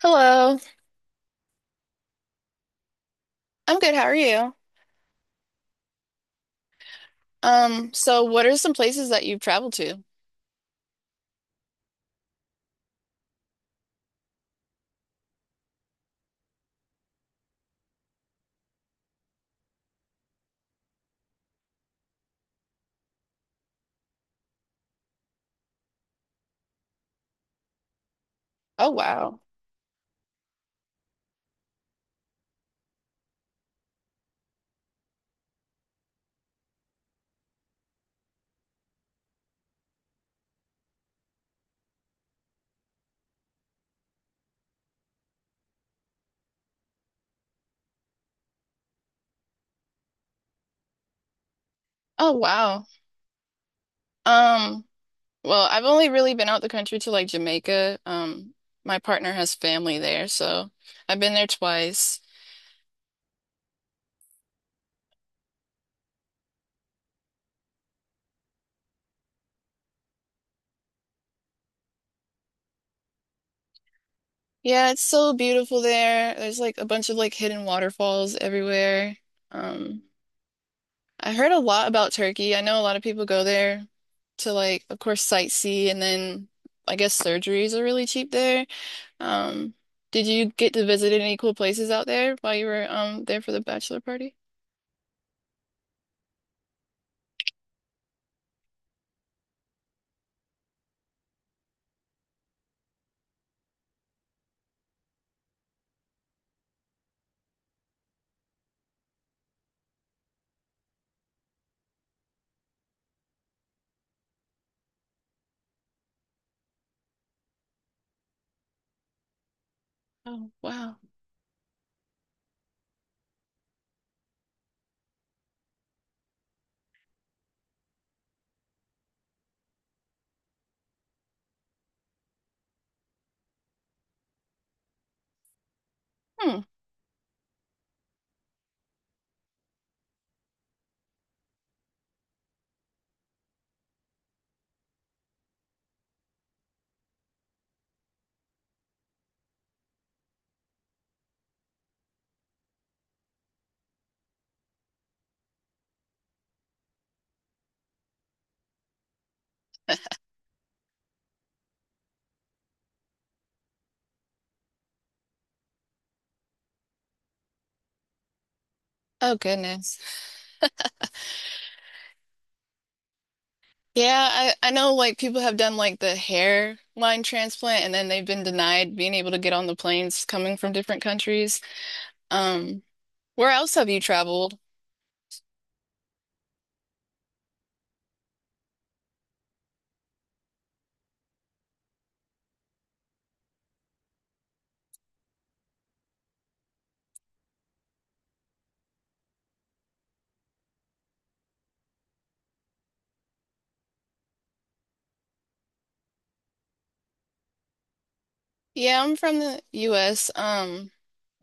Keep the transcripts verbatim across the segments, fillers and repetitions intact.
Hello. I'm good. How are you? Um, so what are some places that you've traveled to? Oh wow. Oh wow. Um, well, I've only really been out the country to like Jamaica. Um, my partner has family there, so I've been there twice. Yeah, it's so beautiful there. There's like a bunch of like hidden waterfalls everywhere. Um, I heard a lot about Turkey. I know a lot of people go there to like, of course, sightsee and then I guess surgeries are really cheap there. Um, did you get to visit any cool places out there while you were um there for the bachelor party? Oh, wow. Hmm. Oh goodness. Yeah, I I know like people have done like the hair line transplant and then they've been denied being able to get on the planes coming from different countries. Um, where else have you traveled? Yeah, I'm from the U S. Um,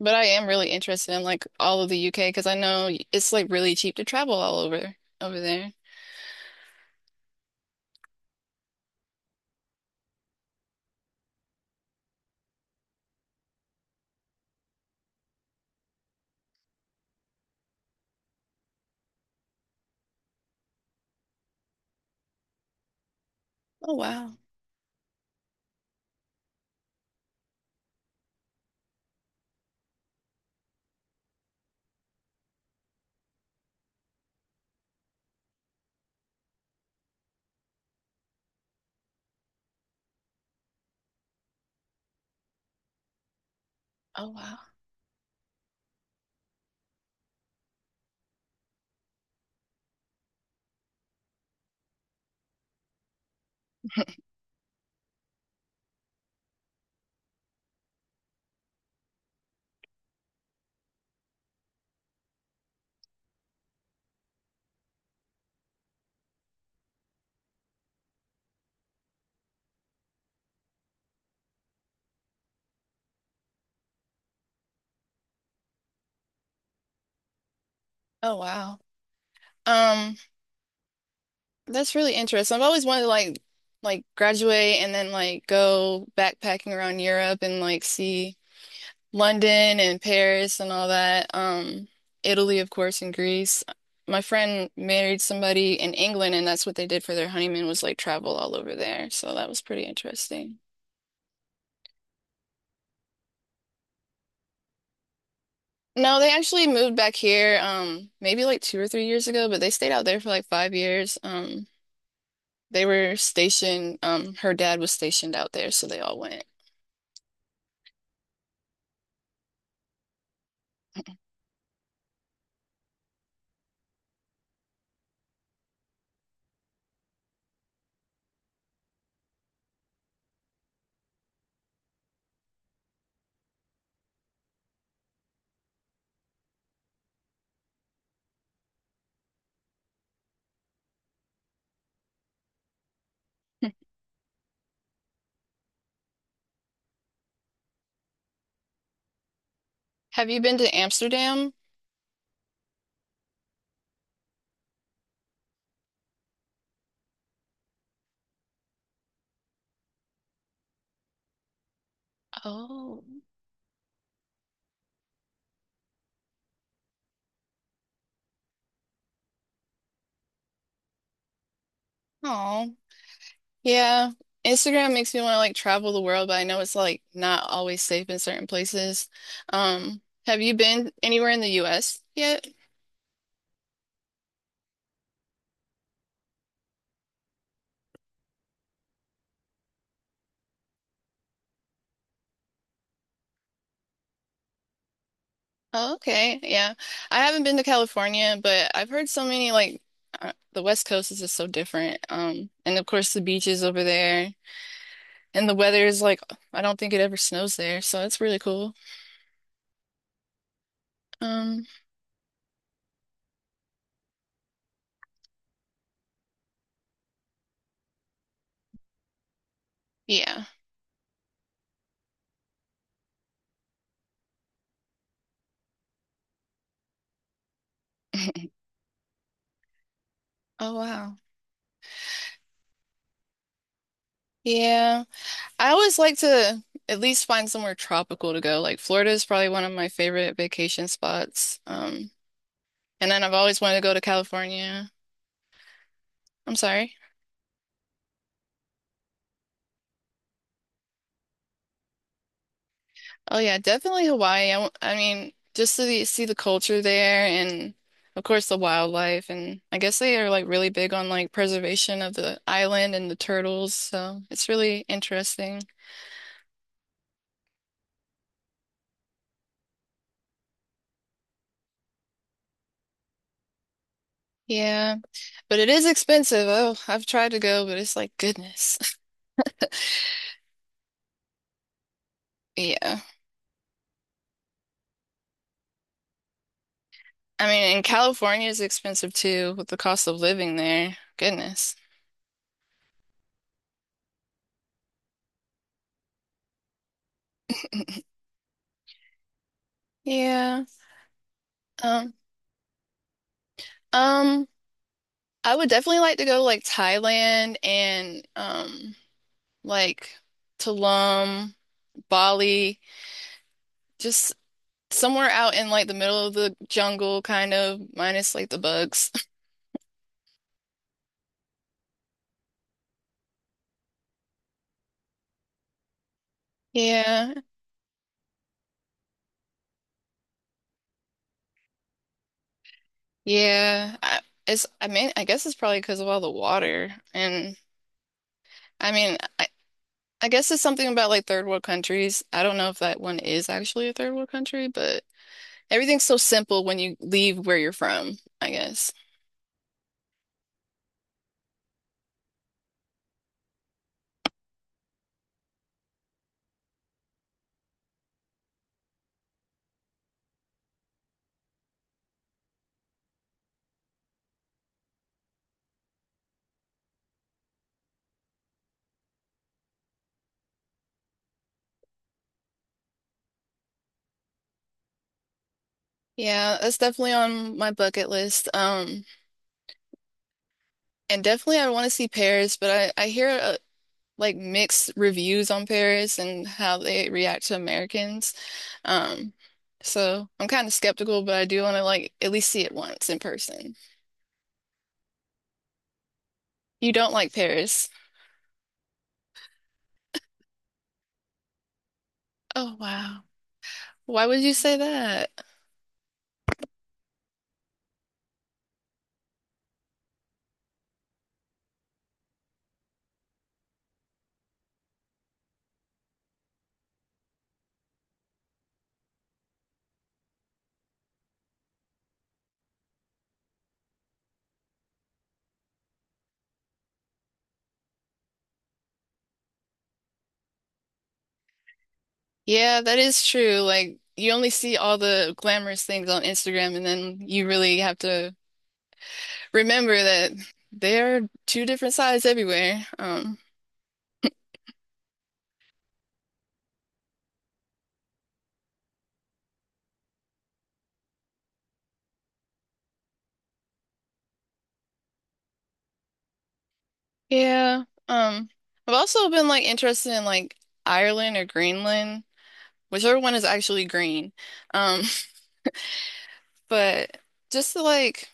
but I am really interested in like all of the U K because I know it's like really cheap to travel all over over there. Oh wow. Oh wow. Oh wow. Um, that's really interesting. I've always wanted to like like graduate and then like go backpacking around Europe and like see London and Paris and all that. Um, Italy, of course, and Greece. My friend married somebody in England and that's what they did for their honeymoon was like travel all over there. So that was pretty interesting. No, they actually moved back here um maybe like two or three years ago, but they stayed out there for like five years. Um, they were stationed, um, her dad was stationed out there, so they all went. Mm-mm. Have you been to Amsterdam? Oh, oh, yeah. Instagram makes me want to like travel the world, but I know it's like not always safe in certain places. Um, have you been anywhere in the U S yet? Oh, okay. Yeah. I haven't been to California, but I've heard so many like uh, the West Coast is just so different. Um, and of course the beaches over there and the weather is like I don't think it ever snows there, so it's really cool. Um, yeah. Oh wow. Yeah. I always like to at least find somewhere tropical to go. Like Florida is probably one of my favorite vacation spots. Um, and then I've always wanted to go to California. I'm sorry. Oh yeah, definitely Hawaii. I, w- I mean, just to the, see the culture there and of course the wildlife and I guess they are like really big on like preservation of the island and the turtles, so it's really interesting. Yeah, but it is expensive. Oh, I've tried to go, but it's like goodness. Yeah. I mean, and California is expensive too with the cost of living there. Goodness. Yeah. Um, um, I would definitely like to go to like Thailand and um like Tulum, Bali, just somewhere out in like the middle of the jungle, kind of, minus like the bugs. Yeah, yeah. I, it's, I mean, I guess it's probably because of all the water. And I mean, I, I guess it's something about like third world countries. I don't know if that one is actually a third world country, but everything's so simple when you leave where you're from, I guess. Yeah, that's definitely on my bucket list. Um, and definitely I want to see Paris, but I, I hear uh, like mixed reviews on Paris and how they react to Americans. Um, so I'm kind of skeptical, but I do want to like at least see it once in person. You don't like Paris. Oh wow. Why would you say that? Yeah, that is true. Like you only see all the glamorous things on Instagram and then you really have to remember that there are two different sides everywhere. Um, yeah. Um, I've also been like interested in like Ireland or Greenland, whichever one is actually green. Um, but just to like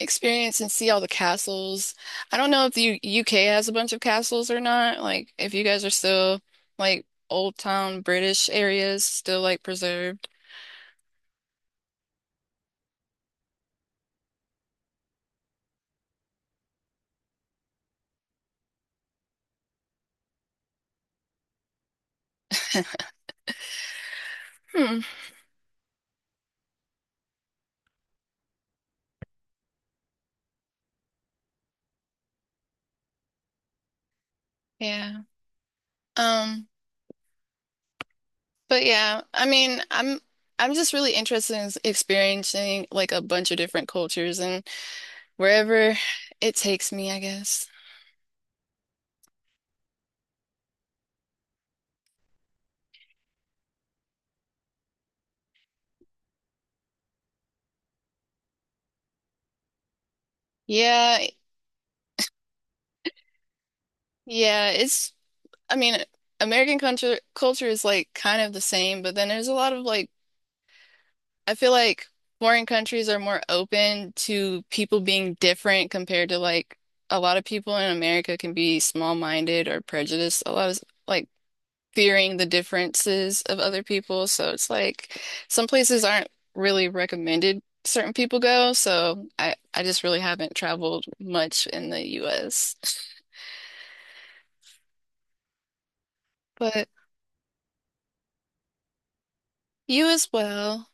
experience and see all the castles. I don't know if the U UK has a bunch of castles or not. Like if you guys are still like old town British areas still like preserved. Hmm. Yeah. Um, but yeah, I mean, I'm I'm just really interested in experiencing like a bunch of different cultures and wherever it takes me, I guess. Yeah, yeah, it's I mean, American culture culture is like kind of the same, but then there's a lot of like I feel like foreign countries are more open to people being different compared to like a lot of people in America can be small-minded or prejudiced. A lot of like fearing the differences of other people, so it's like some places aren't really recommended certain people go, so I I just really haven't traveled much in the U S. But you as well.